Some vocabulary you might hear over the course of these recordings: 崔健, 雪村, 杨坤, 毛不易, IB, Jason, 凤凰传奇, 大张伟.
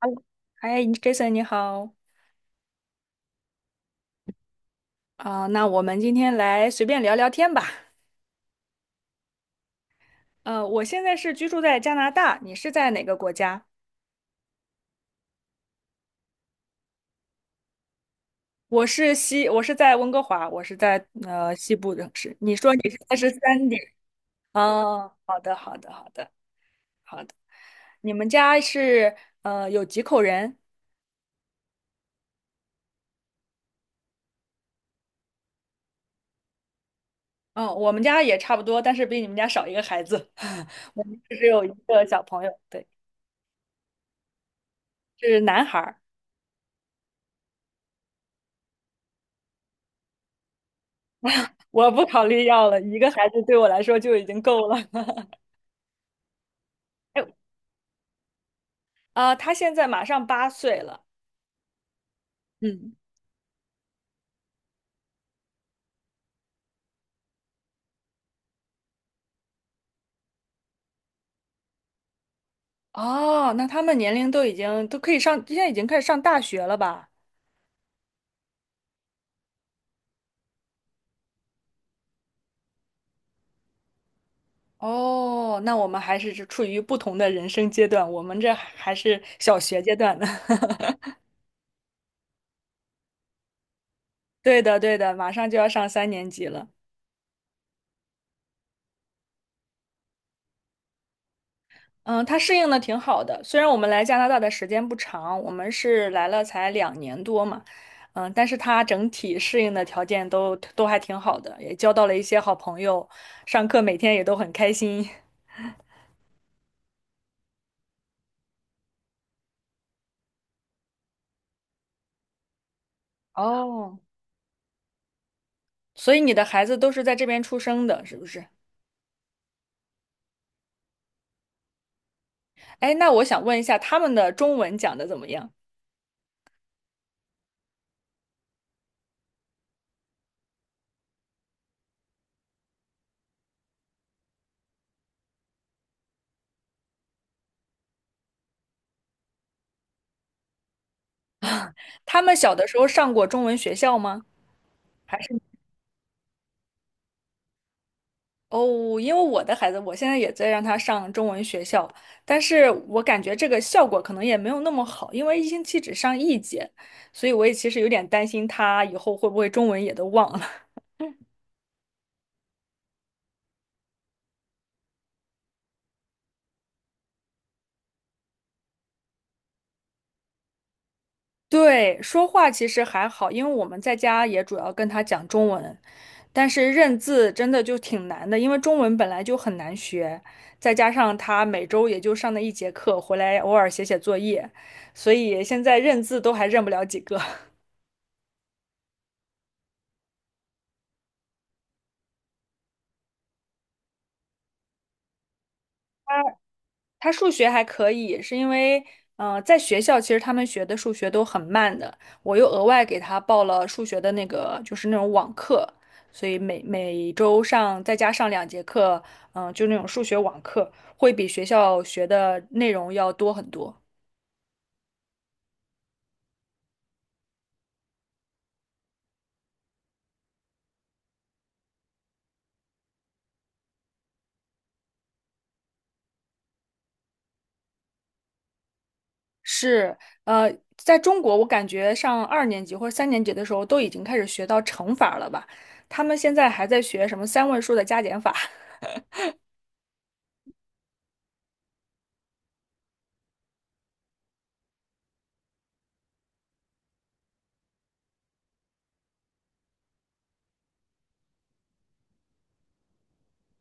嗨，嗨，Jason，你好啊，那我们今天来随便聊聊天吧。我现在是居住在加拿大，你是在哪个国家？我是在温哥华，我是在西部城市。你说你是在13点？哦，好的，好的，好的，好的。你们家是有几口人？嗯，我们家也差不多，但是比你们家少一个孩子。我们只有一个小朋友，对，是男孩儿。我不考虑要了，一个孩子对我来说就已经够了。啊，他现在马上8岁了。嗯。哦，那他们年龄都已经都可以上，现在已经开始上大学了吧？哦，那我们还是处于不同的人生阶段，我们这还是小学阶段呢。对的，对的，马上就要上三年级了。嗯，他适应的挺好的，虽然我们来加拿大的时间不长，我们是来了才2年多嘛，嗯，但是他整体适应的条件都还挺好的，也交到了一些好朋友，上课每天也都很开心。哦。所以你的孩子都是在这边出生的，是不是？哎，那我想问一下，他们的中文讲的怎么样？他们小的时候上过中文学校吗？还是哦，因为我的孩子，我现在也在让他上中文学校，但是我感觉这个效果可能也没有那么好，因为一星期只上一节，所以我也其实有点担心他以后会不会中文也都忘了。对，说话其实还好，因为我们在家也主要跟他讲中文。但是认字真的就挺难的，因为中文本来就很难学，再加上他每周也就上那一节课，回来偶尔写写作业，所以现在认字都还认不了几个。他他数学还可以，是因为，在学校其实他们学的数学都很慢的，我又额外给他报了数学的那个，就是那种网课，所以每周上再加上2节课，就那种数学网课，会比学校学的内容要多很多。是，在中国，我感觉上2年级或者三年级的时候都已经开始学到乘法了吧？他们现在还在学什么3位数的加减法？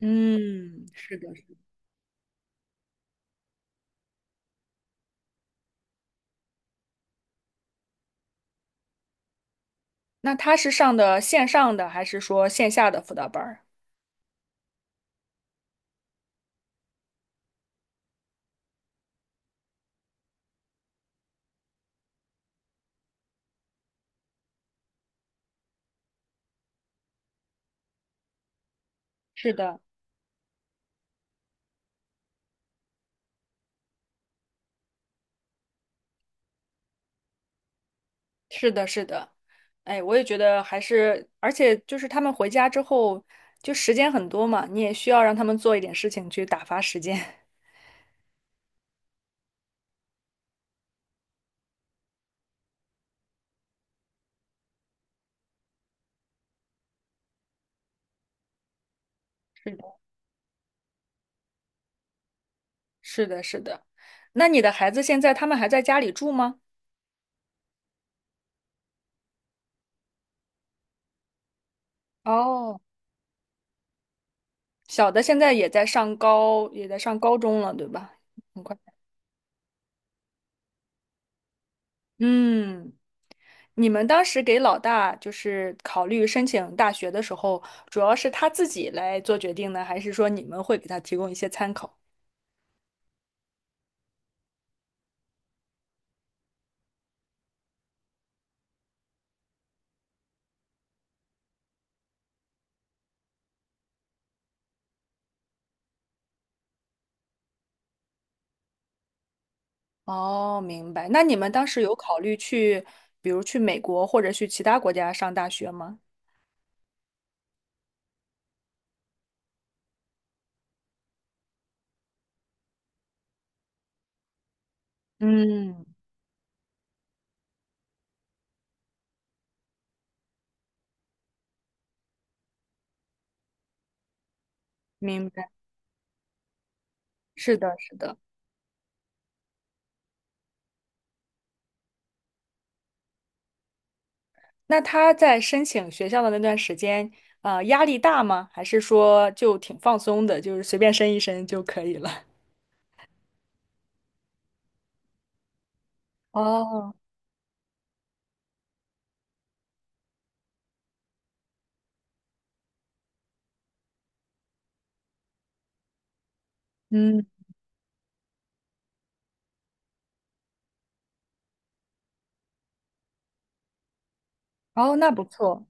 嗯，是的，是的。那他是上的线上的还是说线下的辅导班儿？是的，是的，是的，哎，我也觉得还是，而且就是他们回家之后，就时间很多嘛，你也需要让他们做一点事情去打发时间。是的。是的，是的。那你的孩子现在他们还在家里住吗？哦。小的现在也在上高中了，对吧？很快。嗯，你们当时给老大就是考虑申请大学的时候，主要是他自己来做决定呢，还是说你们会给他提供一些参考？哦，明白。那你们当时有考虑去，比如去美国或者去其他国家上大学吗？嗯，明白。是的，是的。那他在申请学校的那段时间，压力大吗？还是说就挺放松的，就是随便申一申就可以了？哦，嗯，哦，那不错。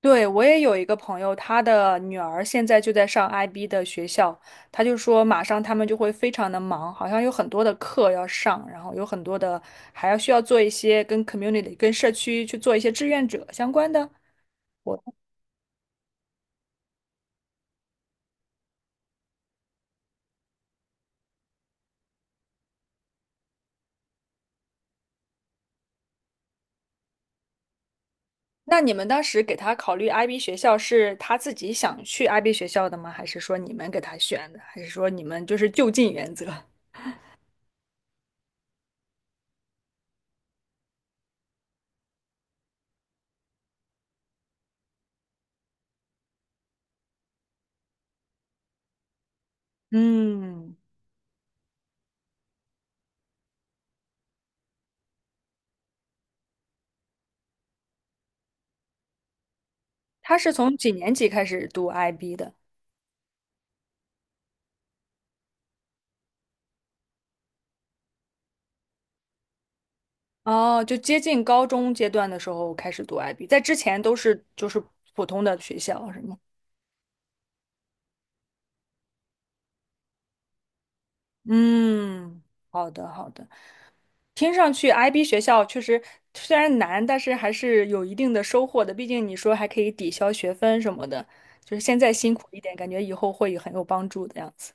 对，我也有一个朋友，他的女儿现在就在上 IB 的学校，他就说马上他们就会非常的忙，好像有很多的课要上，然后有很多的还要需要做一些跟 community、跟社区去做一些志愿者相关的。那你们当时给他考虑 IB 学校，是他自己想去 IB 学校的吗？还是说你们给他选的？还是说你们就是就近原则？嗯，他是从几年级开始读 IB 的？哦，就接近高中阶段的时候开始读 IB，在之前都是就是普通的学校，是吗？嗯，好的，好的。听上去，IB 学校确实虽然难，但是还是有一定的收获的。毕竟你说还可以抵消学分什么的，就是现在辛苦一点，感觉以后会很有帮助的样子。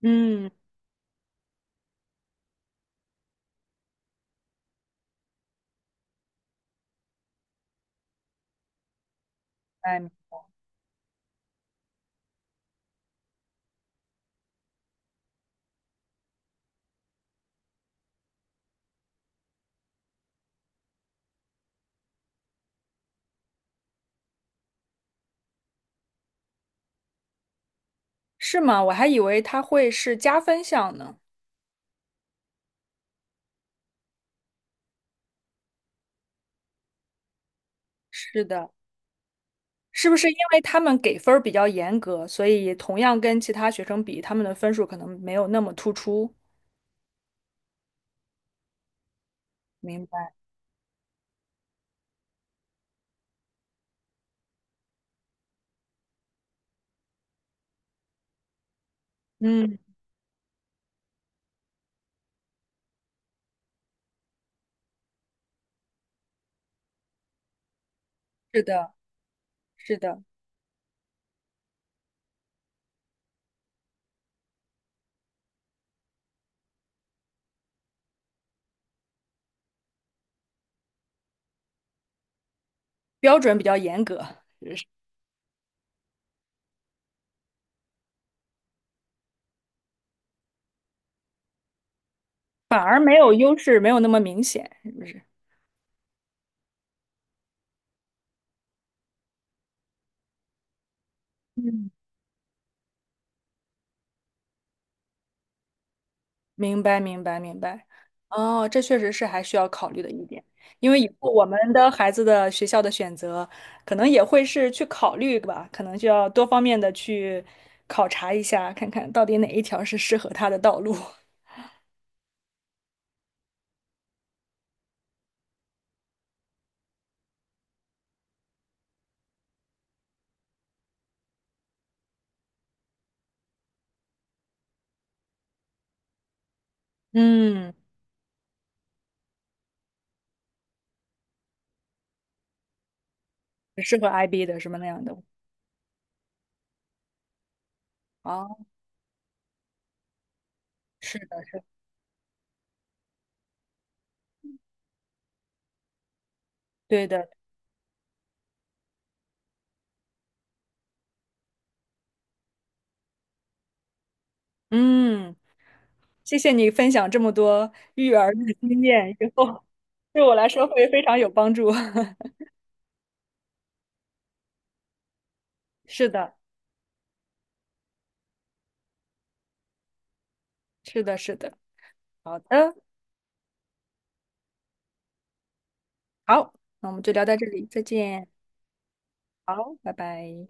嗯，哎，是吗？我还以为它会是加分项呢。是的，是不是因为他们给分儿比较严格，所以同样跟其他学生比，他们的分数可能没有那么突出？明白。嗯，是的，是的，标准比较严格，就是反而没有优势，没有那么明显，是不是？嗯。明白，明白，明白。哦，这确实是还需要考虑的一点，因为以后我们的孩子的学校的选择，可能也会是去考虑吧，可能就要多方面的去考察一下，看看到底哪一条是适合他的道路。嗯，适合 IB 的什么那样的。哦，是的，对的。嗯，谢谢你分享这么多育儿的经验，以后对我来说会非常有帮助。是的，是的，是的。好的。好，那我们就聊到这里，再见。好，拜拜。